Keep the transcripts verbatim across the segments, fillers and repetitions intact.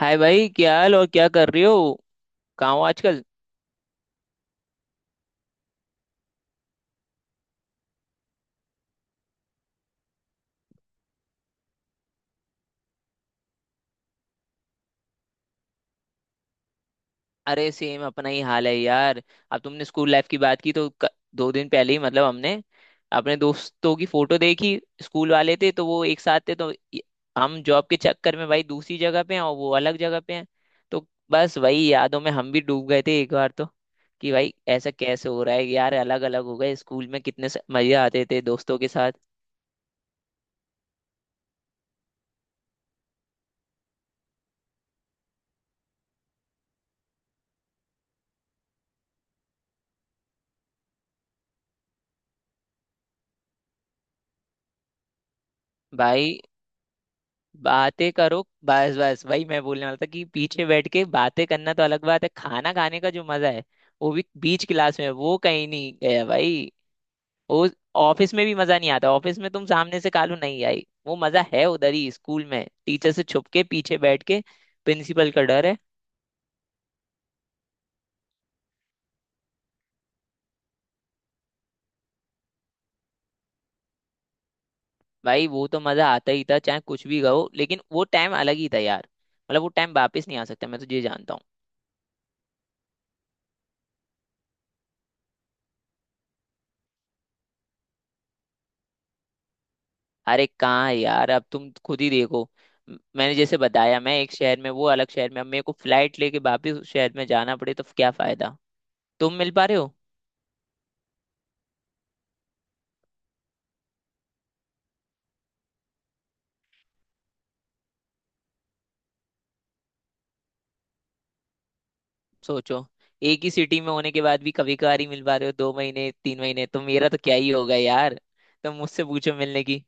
हाय भाई, क्या हाल और क्या कर रही हो। कहाँ हो आजकल। अरे सेम अपना ही हाल है यार। अब तुमने स्कूल लाइफ की बात की तो क- दो दिन पहले ही मतलब हमने अपने दोस्तों की फोटो देखी। स्कूल वाले थे तो वो एक साथ थे तो ये- हम जॉब के चक्कर में भाई दूसरी जगह पे हैं और वो अलग जगह पे हैं। तो बस वही यादों में हम भी डूब गए थे एक बार तो कि भाई ऐसा कैसे हो रहा है यार, अलग अलग हो गए। स्कूल में कितने स- मजे आते थे दोस्तों के साथ। भाई बातें करो, बस बस वही मैं बोलने वाला था कि पीछे बैठ के बातें करना तो अलग बात है, खाना खाने का जो मजा है वो भी बीच क्लास में, वो कहीं नहीं गया भाई। वो ऑफिस में भी मजा नहीं आता। ऑफिस में तुम सामने से कालू नहीं आई, वो मजा है उधर ही, स्कूल में टीचर से छुप के पीछे बैठ के। प्रिंसिपल का डर है। भाई वो तो मजा आता ही था चाहे कुछ भी गाओ, लेकिन वो टाइम अलग ही था यार। मतलब वो टाइम वापस नहीं आ सकता, मैं तो ये जानता हूँ। अरे कहाँ है यार, अब तुम खुद ही देखो। म- मैंने जैसे बताया, मैं एक शहर में, वो अलग शहर में। अब मेरे को फ्लाइट लेके वापिस उस शहर में जाना पड़े तो क्या फायदा। तुम मिल पा रहे हो। सोचो, एक ही सिटी में होने के बाद भी कभी कभार ही मिल पा रहे हो दो महीने तीन महीने, तो मेरा तो क्या ही होगा यार। तुम मुझसे पूछो मिलने की।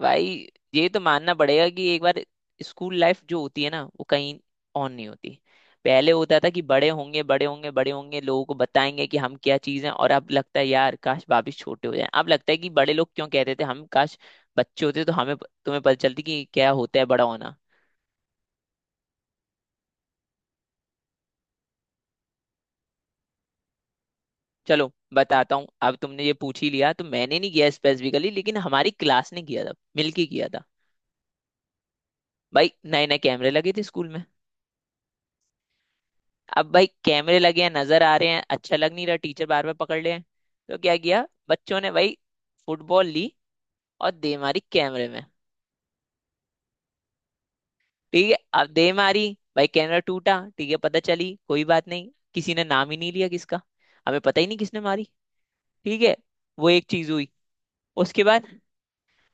भाई ये तो मानना पड़ेगा कि एक बार स्कूल लाइफ जो होती है ना, वो कहीं ऑन नहीं होती। पहले होता था कि बड़े होंगे बड़े होंगे बड़े होंगे, लोगों को बताएंगे कि हम क्या चीज़ हैं, और अब लगता है यार काश वापिस छोटे हो जाएं। अब लगता है कि बड़े लोग क्यों कहते थे, हम काश बच्चे होते तो हमें तुम्हें पता चलती कि क्या होता है बड़ा होना। चलो बताता हूँ, अब तुमने ये पूछ ही लिया तो। मैंने नहीं किया स्पेसिफिकली, लेकिन हमारी क्लास ने किया था, मिलके किया था। भाई नए नए कैमरे लगे थे स्कूल में। अब भाई कैमरे लगे हैं, नजर आ रहे हैं, अच्छा लग नहीं रहा, टीचर बार बार पकड़ रहे हैं। तो क्या किया बच्चों ने भाई, फुटबॉल ली और दे मारी कैमरे में। ठीक है, अब दे मारी। भाई कैमरा टूटा, ठीक है, पता चली, कोई बात नहीं, किसी ने नाम ही नहीं लिया किसका। हमें पता ही नहीं किसने मारी। ठीक है, वो एक चीज हुई। उसके बाद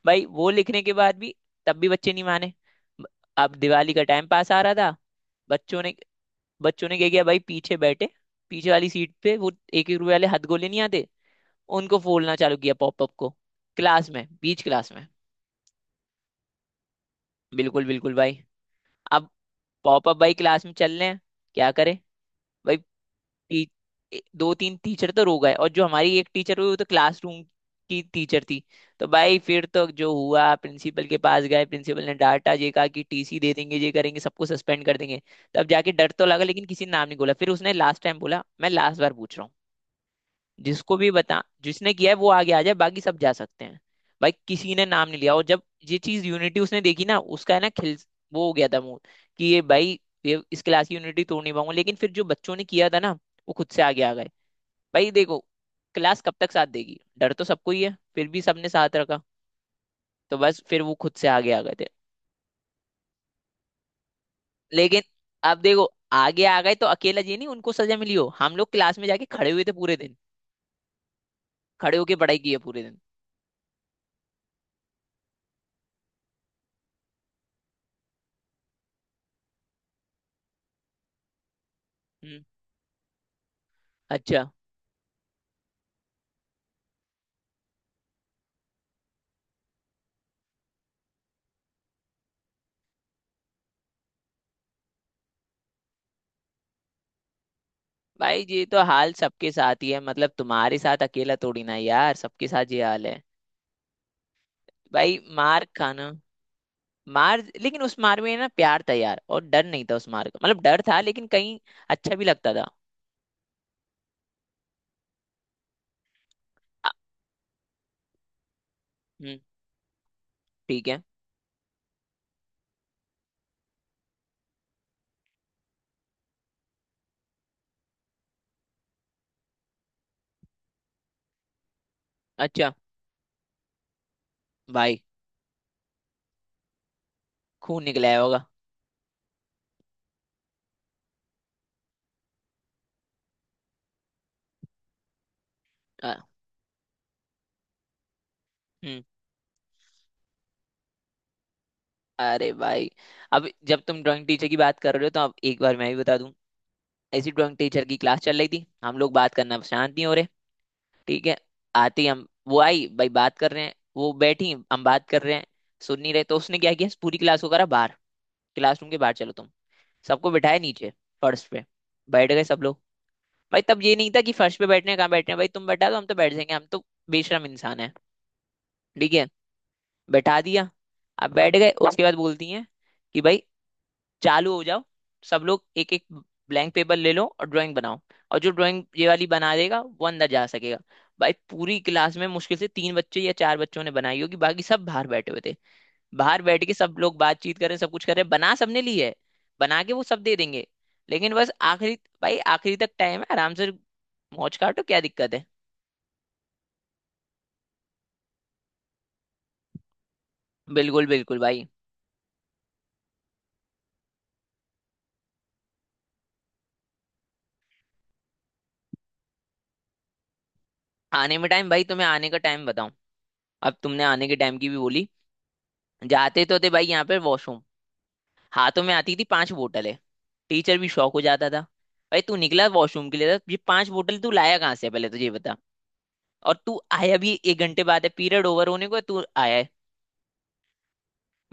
भाई, वो लिखने के बाद भी तब भी बच्चे नहीं माने। ब- अब दिवाली का टाइम पास आ रहा था। बच्चों ने बच्चों ने क्या किया भाई, पीछे बैठे, पीछे वाली सीट पे, वो एक एक रुपए वाले हथगोले नहीं आते, उनको फूलना चालू किया, पॉपअप को, क्लास में, बीच क्लास में। बिल्कुल बिल्कुल भाई। अब पॉपअप भाई क्लास में चल रहे हैं, क्या करे भाई। टी, ए- दो तीन टीचर तो रो गए, और जो हमारी एक टीचर हुई वो तो क्लासरूम की टीचर थी। तो भाई फिर तो जो हुआ, प्रिंसिपल के पास गए, प्रिंसिपल ने डांटा, ये कहा कि टीसी दे देंगे, ये करेंगे, सबको सस्पेंड कर देंगे। तब जाके डर तो लगा, लेकिन किसी ने नाम नहीं बोला। फिर उसने लास्ट टाइम बोला, मैं लास्ट बार पूछ रहा हूँ, जिसको भी बता, जिसने किया है वो आगे आ जाए, बाकी सब जा सकते हैं। भाई किसी ने नाम नहीं लिया, और जब ये चीज यूनिटी उसने देखी ना, उसका है ना खिल वो हो गया था मुंह, कि ये भाई ये इस क्लास की यूनिटी तोड़ नहीं पाऊंगा। लेकिन फिर जो बच्चों ने किया था ना, वो खुद से आगे आ गए। भाई देखो, क्लास कब तक साथ देगी, डर तो सबको ही है, फिर भी सबने साथ रखा। तो बस फिर वो खुद से आगे आ गए थे। लेकिन अब देखो, आगे आ गए तो अकेला ये नहीं उनको सजा मिली हो, हम लोग क्लास में जाके खड़े हुए थे पूरे दिन। खड़े होके पढ़ाई की है पूरे दिन। हम्म। अच्छा। भाई ये तो हाल सबके साथ ही है, मतलब तुम्हारे साथ अकेला थोड़ी ना यार, सबके साथ ये हाल है। भाई मार खाना, मार लेकिन उस मार में ना प्यार था यार, और डर नहीं था उस मार का, मतलब डर था लेकिन कहीं अच्छा भी लगता था। अ, हम्म। ठीक है। अच्छा। भाई खून निकला है होगा। अ, हम्म। अरे भाई, अब जब तुम ड्राइंग टीचर की बात कर रहे हो तो अब एक बार मैं भी बता दूं। ऐसी ड्राइंग टीचर की क्लास चल रही थी, हम लोग बात करना शांत नहीं हो रहे। ठीक है। आते ही हम वो आई भाई, बात कर रहे हैं, वो बैठी, हम बात कर रहे हैं, सुन नहीं रहे, तो उसने क्या किया, पूरी क्लास को करा बाहर, क्लासरूम के बाहर, चलो तुम। सबको बिठाया नीचे, फर्श पे। बैठ गए सब लोग। भाई तब ये नहीं था कि फर्श पे बैठने हैं, कहाँ बैठने हैं, भाई तुम बैठा दो हम तो बैठ जाएंगे, हम तो बेशरम इंसान है। ठीक है, बैठा दिया। अब बैठ गए, उसके बाद बोलती हैं कि भाई चालू हो जाओ, सब लोग एक एक ब्लैंक पेपर ले लो और ड्राइंग बनाओ, और जो ड्राइंग ये वाली बना देगा वो अंदर जा सकेगा। भाई पूरी क्लास में मुश्किल से तीन बच्चे या चार बच्चों ने बनाई होगी, बाकी सब बाहर बैठे हुए थे। बाहर बैठ के सब लोग बातचीत कर रहे हैं, सब कुछ कर रहे हैं, बना सबने ली है, बना के वो सब दे देंगे, लेकिन बस आखिरी। भाई आखिरी तक टाइम है, आराम से मौज काटो, क्या दिक्कत है। बिल्कुल बिल्कुल भाई। आने में टाइम, भाई तुम्हें आने का टाइम बताऊं, अब तुमने आने के टाइम की भी बोली। जाते तो थे भाई यहाँ पे वॉशरूम, हाथों में आती थी पांच बोतलें। टीचर भी शौक हो जाता था, भाई तू निकला वॉशरूम के लिए था, ये पांच बोतल तू लाया कहाँ से है, पहले तो ये बता। और तू आया भी एक घंटे बाद है, पीरियड ओवर होने को है, तू आया है।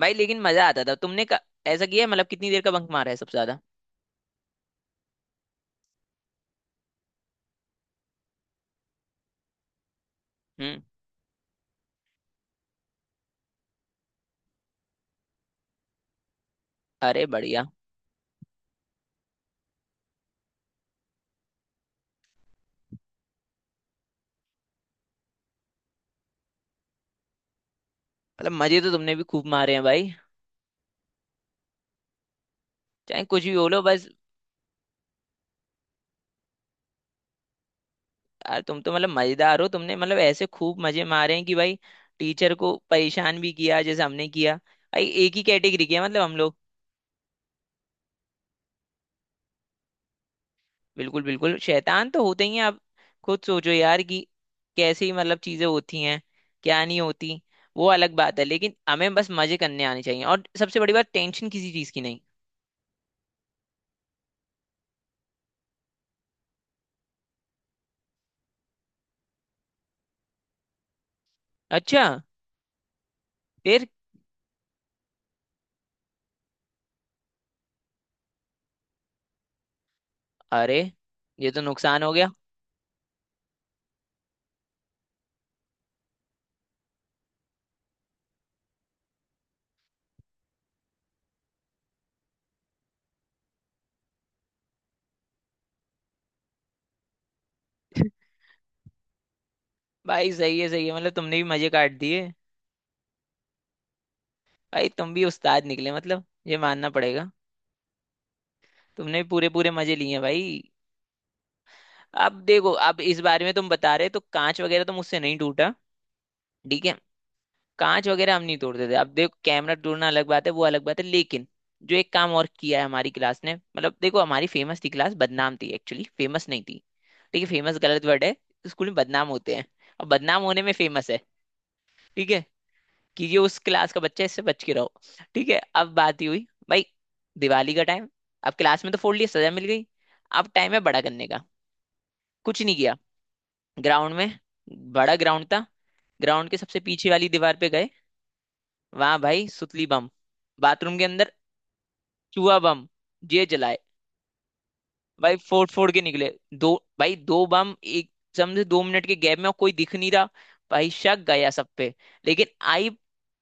भाई लेकिन मजा आता था। तुमने क- ऐसा किया है, मतलब कितनी देर का बंक मारा है सबसे ज्यादा। हम्म। अरे बढ़िया। मतलब मजे तो तुमने भी खूब मारे हैं भाई, चाहे कुछ भी बोलो बस। यार तुम तो मतलब मजेदार हो, तुमने मतलब ऐसे खूब मजे मारे हैं कि भाई टीचर को परेशान भी किया जैसे हमने किया। भाई एक ही कैटेगरी किया मतलब हम लोग। बिल्कुल बिल्कुल शैतान तो होते ही हैं आप। खुद सोचो यार कि कैसी मतलब चीजें होती हैं, क्या नहीं होती, वो अलग बात है, लेकिन हमें बस मजे करने आने चाहिए और सबसे बड़ी बात टेंशन किसी चीज की नहीं। अच्छा। फिर। अरे ये तो नुकसान हो गया। भाई सही है सही है, मतलब तुमने भी मजे काट दिए। भाई तुम भी उस्ताद निकले, मतलब ये मानना पड़ेगा। तुमने भी पूरे पूरे मजे लिए हैं भाई। अब देखो, अब इस बारे में तुम बता रहे हो, तो कांच वगैरह तो मुझसे नहीं टूटा। ठीक है, कांच वगैरह हम नहीं तोड़ते थे। अब देखो, कैमरा तोड़ना अलग बात है, वो अलग बात है, लेकिन जो एक काम और किया है हमारी क्लास ने, मतलब देखो हमारी फेमस थी क्लास, बदनाम थी एक्चुअली, फेमस नहीं थी। ठीक है, फेमस गलत वर्ड है, स्कूल में बदनाम होते हैं, और बदनाम होने में फेमस है। ठीक है, कि ये उस क्लास का बच्चा है, इससे बच के रहो। ठीक है, अब बात ही हुई भाई, दिवाली का टाइम। अब क्लास में तो फोड़ लिया, सजा मिल गई, अब टाइम है बड़ा करने का। कुछ नहीं किया, ग्राउंड में, बड़ा ग्राउंड था, ग्राउंड के सबसे पीछे वाली दीवार पे गए, वहां भाई सुतली बम, बाथरूम के अंदर चूहा बम, ये जलाए। भाई फोड़ फोड़ के निकले। दो, भाई दो बम एक, समझे दो मिनट के गैप में, और कोई दिख नहीं रहा। भाई शक गया सब पे। लेकिन आई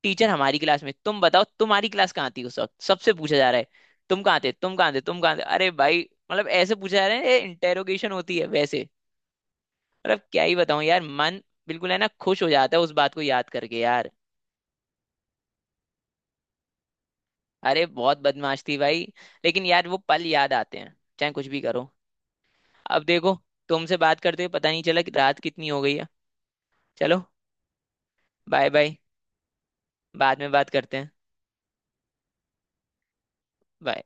टीचर हमारी क्लास में, तुम बताओ तुम्हारी क्लास कहाँ थी उस वक्त, सबसे पूछा जा रहा है, तुम कहाँ थे तुम कहाँ थे तुम कहाँ थे। अरे भाई, मतलब ऐसे पूछा जा रहा है, इंटेरोगेशन होती है वैसे। मतलब क्या ही बताऊं यार, मन बिल्कुल है ना खुश हो जाता है उस बात को याद करके यार। अरे बहुत बदमाश थी भाई। लेकिन यार वो पल याद आते हैं चाहे कुछ भी करो। अब देखो, तुमसे बात करते हुए पता नहीं चला कि रात कितनी हो गई है। चलो, बाय बाय। बाद में बात करते हैं। Bye.